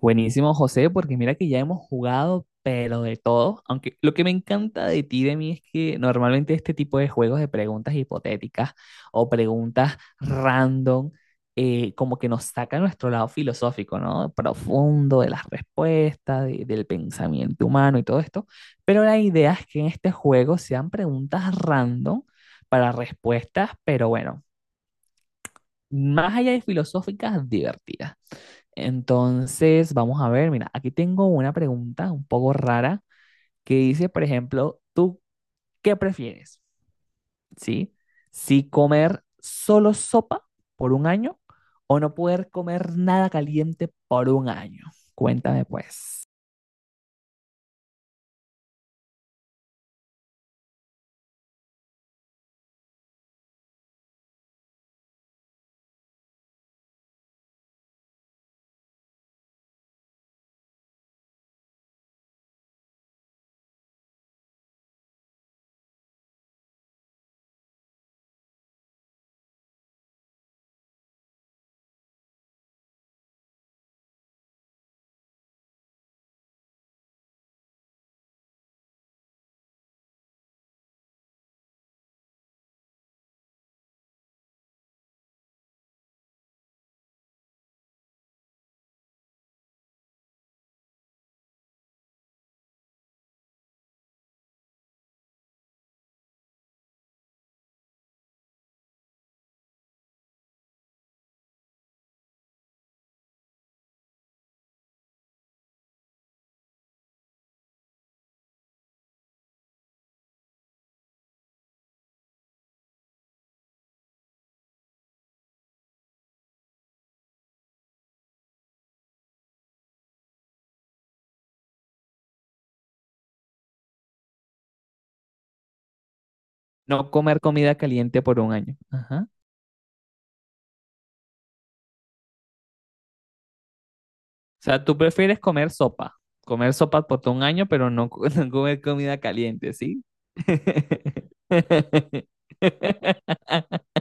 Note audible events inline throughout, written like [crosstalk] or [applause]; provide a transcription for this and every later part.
Buenísimo, José, porque mira que ya hemos jugado, pero de todo. Aunque lo que me encanta de ti, y de mí, es que normalmente este tipo de juegos de preguntas hipotéticas o preguntas random, como que nos saca nuestro lado filosófico, ¿no? Profundo de las respuestas, del pensamiento humano y todo esto. Pero la idea es que en este juego sean preguntas random para respuestas, pero bueno, más allá de filosóficas, divertidas. Entonces, vamos a ver, mira, aquí tengo una pregunta un poco rara que dice, por ejemplo, ¿tú qué prefieres? ¿Sí? Si comer solo sopa por un año o no poder comer nada caliente por un año. Cuéntame pues. No comer comida caliente por un año. Ajá. O sea, tú prefieres comer sopa por todo un año, pero no, [laughs] no comer comida caliente, ¿sí? [laughs]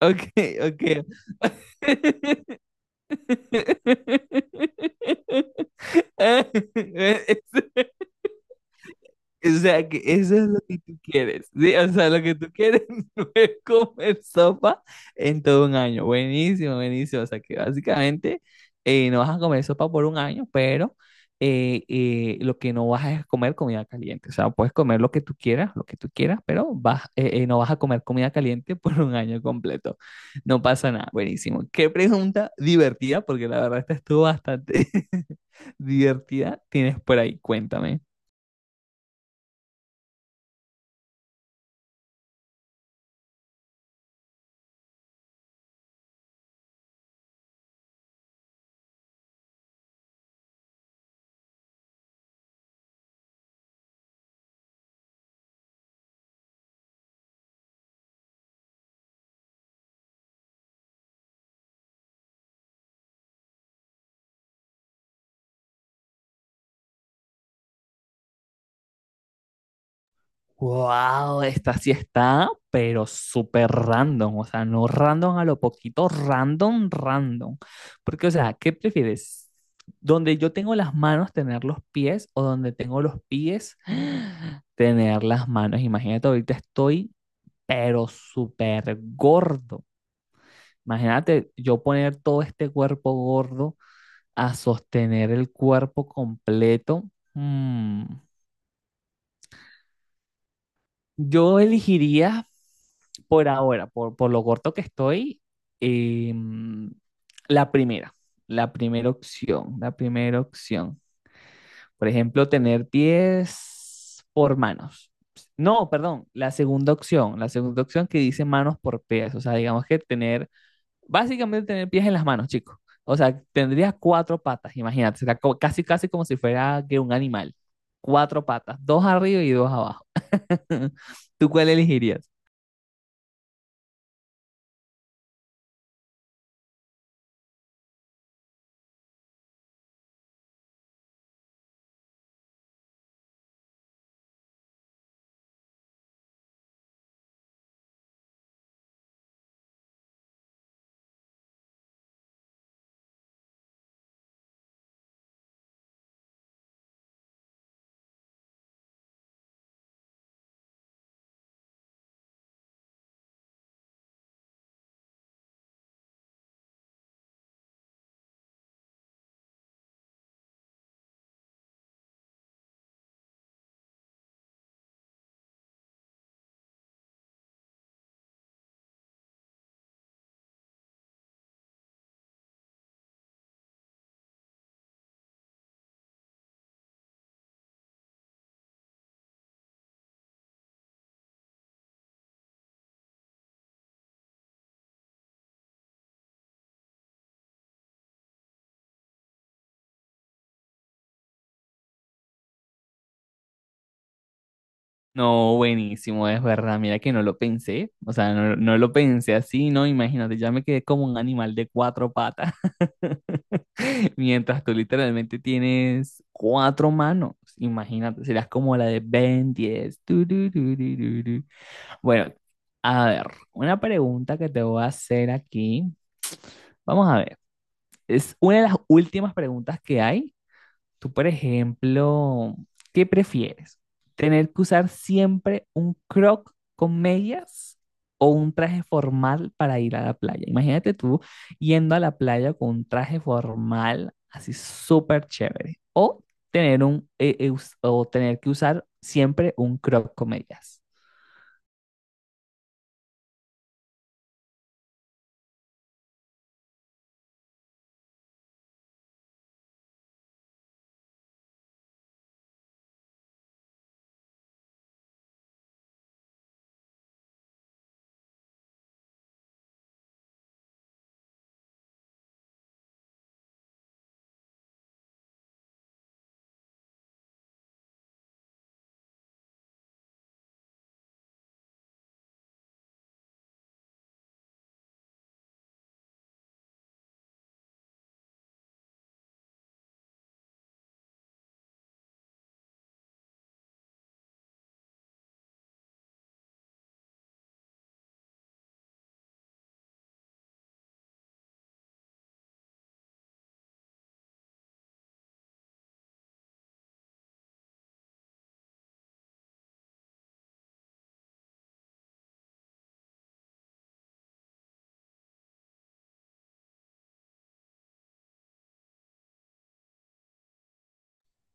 Ok, ok. [laughs] [laughs] Es- o sea, que eso es lo que tú quieres. Sí, o sea, lo que tú quieres [laughs] no es comer sopa en todo un año. Buenísimo, buenísimo. O sea, que básicamente no vas a comer sopa por un año, pero lo que no vas a es comer comida caliente. O sea, puedes comer lo que tú quieras, lo que tú quieras, pero vas, no vas a comer comida caliente [laughs] por un año completo. No pasa nada. Buenísimo. Qué pregunta divertida, porque la verdad esta estuvo bastante [laughs] divertida. Tienes por ahí, cuéntame. Wow, esta sí está, pero súper random, o sea, no random a lo poquito, random, random. Porque, o sea, ¿qué prefieres? ¿Donde yo tengo las manos, tener los pies, o donde tengo los pies, [gasps] tener las manos? Imagínate, ahorita estoy, pero súper gordo. Imagínate yo poner todo este cuerpo gordo a sostener el cuerpo completo. Mm. Yo elegiría por ahora, por lo corto que estoy, em, la primera, la primera opción, la primera opción. Por ejemplo, tener pies por manos. No, perdón, la segunda opción que dice manos por pies. O sea, digamos que tener, básicamente tener pies en las manos, chicos. O sea, tendrías cuatro patas, imagínate, será casi, casi como si fuera que un animal. Cuatro patas, dos arriba y dos abajo. [laughs] ¿Tú cuál elegirías? No, buenísimo, es verdad. Mira que no lo pensé. O sea, no, no lo pensé así, ¿no? Imagínate, ya me quedé como un animal de cuatro patas, [laughs] mientras tú literalmente tienes cuatro manos. Imagínate, serás como la de Ben 10. [laughs] Tu, tu, tu, tu, tu, tu. Bueno, a ver, una pregunta que te voy a hacer aquí. Vamos a ver, es una de las últimas preguntas que hay. Tú, por ejemplo, ¿qué prefieres? ¿Tener que usar siempre un croc con medias o un traje formal para ir a la playa? Imagínate tú yendo a la playa con un traje formal así súper chévere. O tener un, o tener que usar siempre un croc con medias.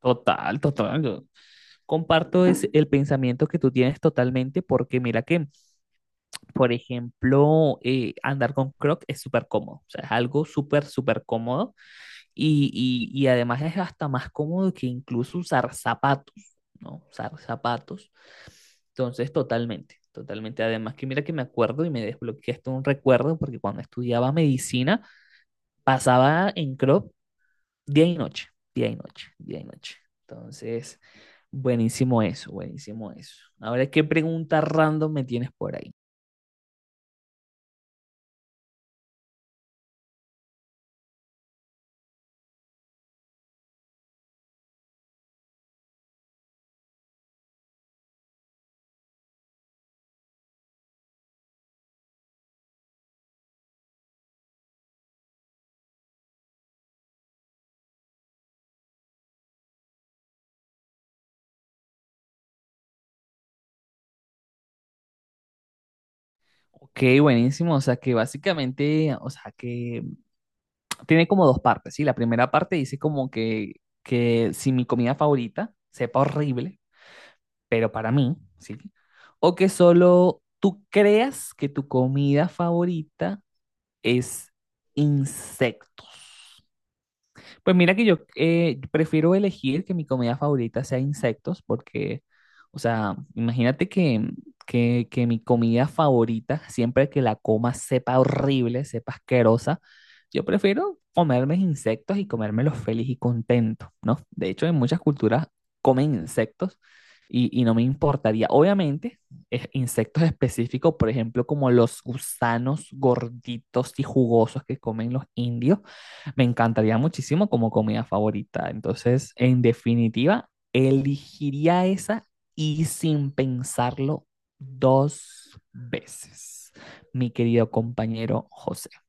Total, total. Yo comparto el pensamiento que tú tienes totalmente, porque mira que, por ejemplo, andar con Croc es súper cómodo, o sea, es algo súper, súper cómodo y, y además es hasta más cómodo que incluso usar zapatos, ¿no? Usar zapatos. Entonces, totalmente, totalmente. Además que mira que me acuerdo y me desbloqueé esto un recuerdo, porque cuando estudiaba medicina pasaba en Crop día y noche, día y noche, día y noche. Entonces, buenísimo eso, buenísimo eso. Ahora, ¿qué pregunta random me tienes por ahí? Ok, buenísimo. O sea que básicamente, o sea que tiene como dos partes, ¿sí? La primera parte dice como que si mi comida favorita sepa horrible, pero para mí, ¿sí? O que solo tú creas que tu comida favorita es insecto. Pues mira que yo prefiero elegir que mi comida favorita sea insectos porque, o sea, imagínate que, que mi comida favorita, siempre que la coma, sepa horrible, sepa asquerosa. Yo prefiero comerme insectos y comérmelos feliz y contento, ¿no? De hecho, en muchas culturas comen insectos y no me importaría. Obviamente, es insectos específicos, por ejemplo, como los gusanos gorditos y jugosos que comen los indios. Me encantaría muchísimo como comida favorita. Entonces, en definitiva, elegiría esa y sin pensarlo dos veces, mi querido compañero José.